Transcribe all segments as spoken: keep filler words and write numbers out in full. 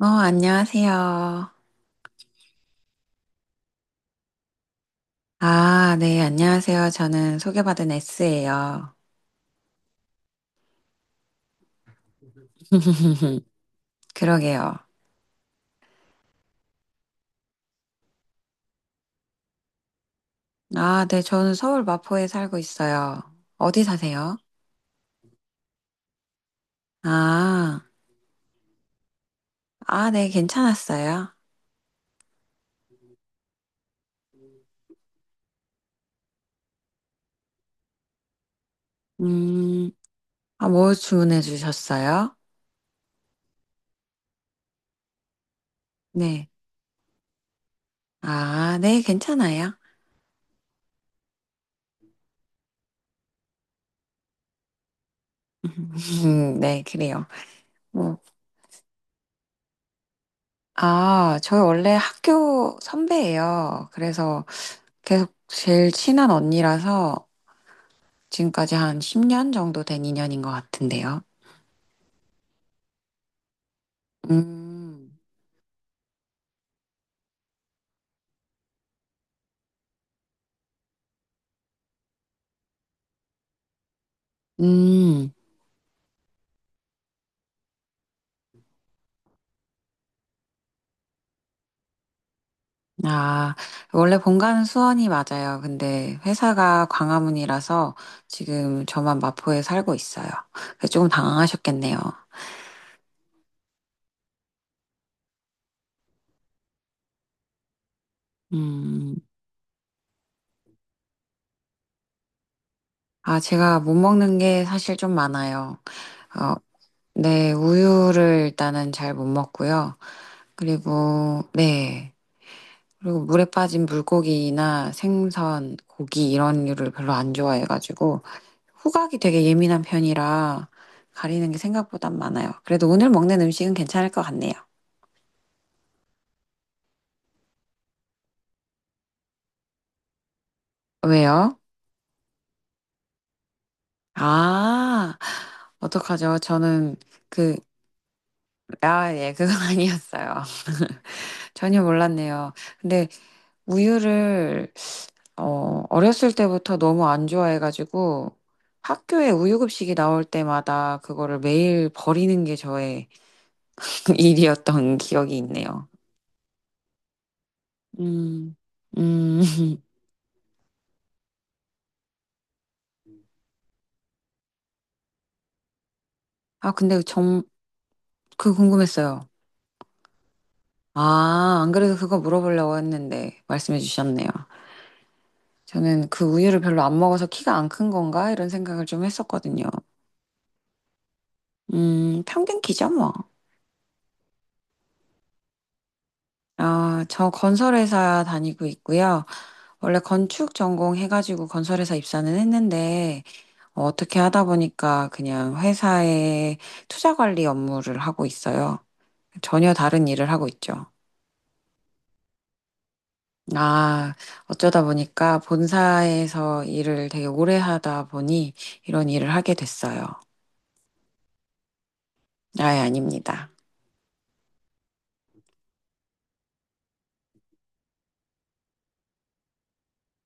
어, 안녕하세요. 아, 네, 안녕하세요. 저는 소개받은 에스예요. 그러게요. 아, 네, 저는 서울 마포에 살고 있어요. 어디 사세요? 아, 아, 네, 괜찮았어요. 음, 아, 뭐 주문해 주셨어요? 네. 아, 네, 괜찮아요. 네, 그래요. 뭐, 아, 저 원래 학교 선배예요. 그래서 계속 제일 친한 언니라서 지금까지 한 십 년 정도 된 인연인 것 같은데요. 음, 음, 아, 원래 본가는 수원이 맞아요. 근데 회사가 광화문이라서 지금 저만 마포에 살고 있어요. 그래서 조금 당황하셨겠네요. 음, 아, 제가 못 먹는 게 사실 좀 많아요. 어, 네, 우유를 일단은 잘 못 먹고요. 그리고, 네, 그리고 물에 빠진 물고기나 생선, 고기 이런 류를 별로 안 좋아해가지고, 후각이 되게 예민한 편이라 가리는 게 생각보다 많아요. 그래도 오늘 먹는 음식은 괜찮을 것 같네요. 왜요? 아, 어떡하죠? 저는 그, 아, 예, 그건 아니었어요. 전혀 몰랐네요. 근데 우유를, 어, 어렸을 때부터 너무 안 좋아해가지고 학교에 우유급식이 나올 때마다 그거를 매일 버리는 게 저의 일이었던 기억이 있네요. 음, 음. 아, 근데 정, 그 궁금했어요. 아, 안 그래도 그거 물어보려고 했는데 말씀해 주셨네요. 저는 그 우유를 별로 안 먹어서 키가 안 큰 건가? 이런 생각을 좀 했었거든요. 음, 평균 키죠, 뭐. 아, 저 건설회사 다니고 있고요. 원래 건축 전공 해가지고 건설회사 입사는 했는데, 어, 어떻게 하다 보니까 그냥 회사의 투자 관리 업무를 하고 있어요. 전혀 다른 일을 하고 있죠. 아, 어쩌다 보니까 본사에서 일을 되게 오래 하다 보니 이런 일을 하게 됐어요. 아예 아닙니다.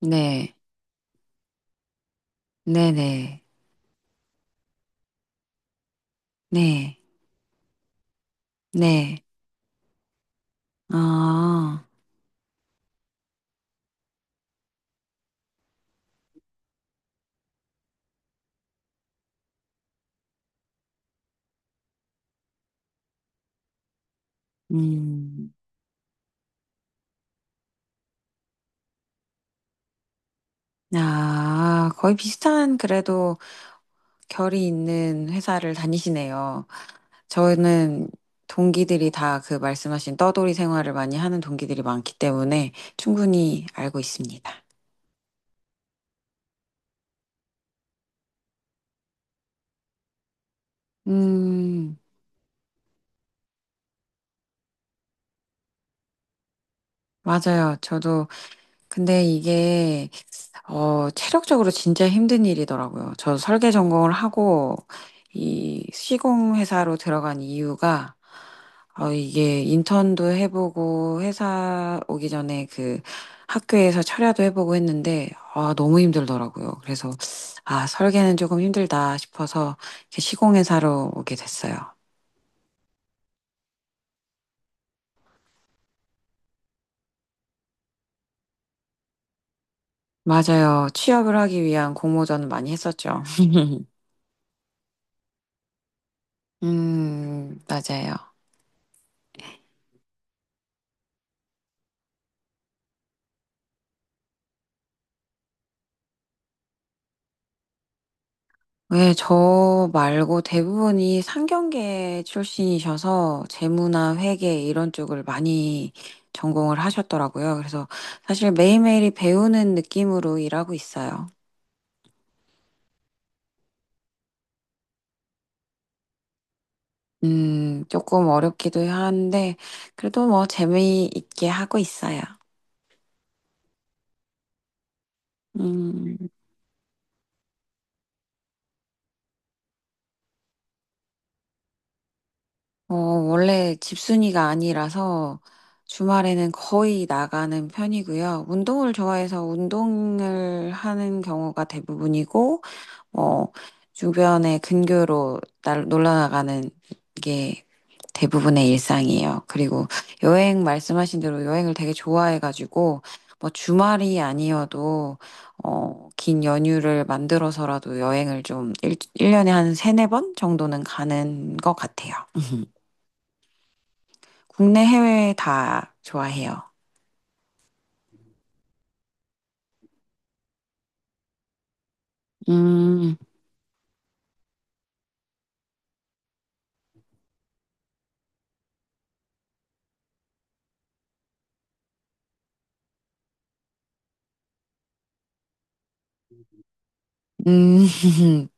네, 네네, 네, 네. 아, 음, 아, 거의 비슷한 그래도 결이 있는 회사를 다니시네요. 저는 동기들이 다 그 말씀하신 떠돌이 생활을 많이 하는 동기들이 많기 때문에 충분히 알고 있습니다. 음, 맞아요. 저도 근데 이게 어, 체력적으로 진짜 힘든 일이더라고요. 저 설계 전공을 하고 이 시공 회사로 들어간 이유가 어, 이게 인턴도 해보고 회사 오기 전에 그 학교에서 철야도 해보고 했는데 아, 너무 힘들더라고요. 그래서 아, 설계는 조금 힘들다 싶어서 이렇게 시공 회사로 오게 됐어요. 맞아요. 취업을 하기 위한 공모전 많이 했었죠. 음, 맞아요. 네, 저 말고 대부분이 상경계 출신이셔서 재무나 회계 이런 쪽을 많이 전공을 하셨더라고요. 그래서 사실 매일매일이 배우는 느낌으로 일하고 있어요. 음, 조금 어렵기도 한데, 그래도 뭐 재미있게 하고 있어요. 음, 어, 원래 집순이가 아니라서 주말에는 거의 나가는 편이고요. 운동을 좋아해서 운동을 하는 경우가 대부분이고, 어, 주변의 근교로 날, 놀러 나가는 게 대부분의 일상이에요. 그리고 여행 말씀하신 대로 여행을 되게 좋아해가지고 뭐 주말이 아니어도 어, 긴 연휴를 만들어서라도 여행을 좀 일, 일년에한 세네 번 정도는 가는 것 같아요. 국내 해외 다 좋아해요. 음, 음,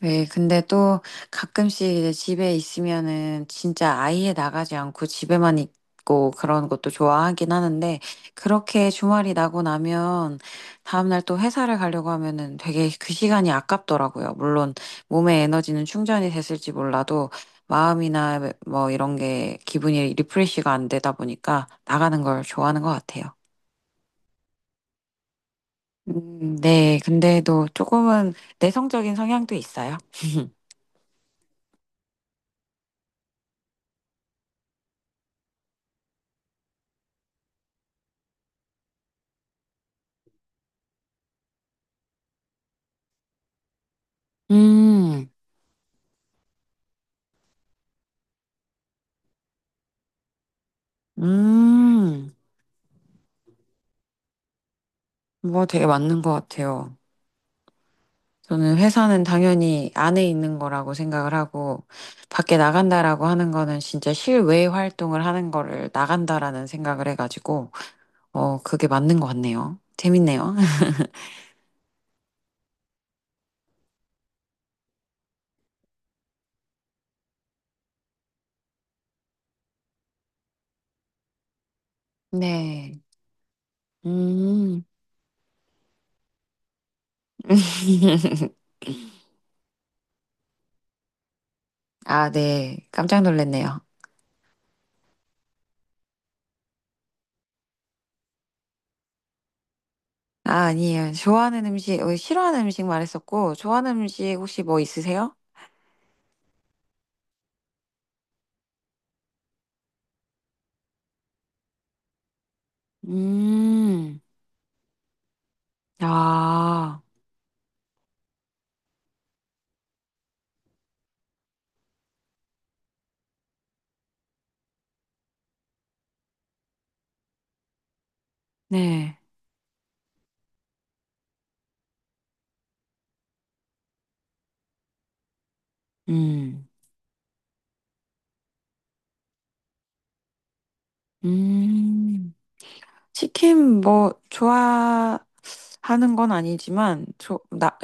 네, 근데 또 가끔씩 이제 집에 있으면은 진짜 아예 나가지 않고 집에만 있고 그런 것도 좋아하긴 하는데 그렇게 주말이 나고 나면 다음날 또 회사를 가려고 하면은 되게 그 시간이 아깝더라고요. 물론 몸의 에너지는 충전이 됐을지 몰라도 마음이나 뭐 이런 게 기분이 리프레시가 안 되다 보니까 나가는 걸 좋아하는 것 같아요. 음, 네, 근데도 조금은 내성적인 성향도 있어요. 음. 음, 뭐 되게 맞는 것 같아요. 저는 회사는 당연히 안에 있는 거라고 생각을 하고, 밖에 나간다라고 하는 거는 진짜 실외 활동을 하는 거를 나간다라는 생각을 해가지고, 어, 그게 맞는 것 같네요. 재밌네요. 네. 음. 아, 네. 깜짝 놀랐네요. 아, 아니에요. 좋아하는 음식, 어, 싫어하는 음식 말했었고, 좋아하는 음식 혹시 뭐 있으세요? 음. 아, 네. 음. 음, 치킨 뭐 좋아하는 건 아니지만 저, 나,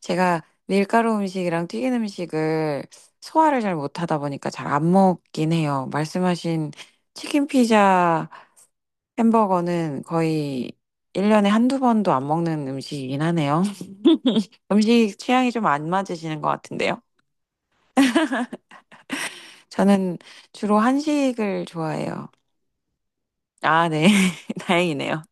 제가 밀가루 음식이랑 튀긴 음식을 소화를 잘 못하다 보니까 잘 안 먹긴 해요. 말씀하신 치킨 피자 햄버거는 거의 일 년에 한두 번도 안 먹는 음식이긴 하네요. 음식 취향이 좀 안 맞으시는 것 같은데요. 저는 주로 한식을 좋아해요. 아, 네. 다행이네요.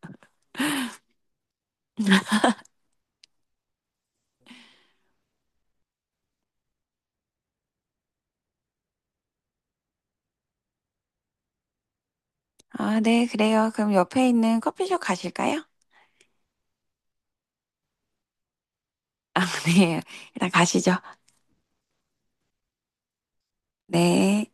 아, 네, 그래요. 그럼 옆에 있는 커피숍 가실까요? 네, 일단 가시죠. 네.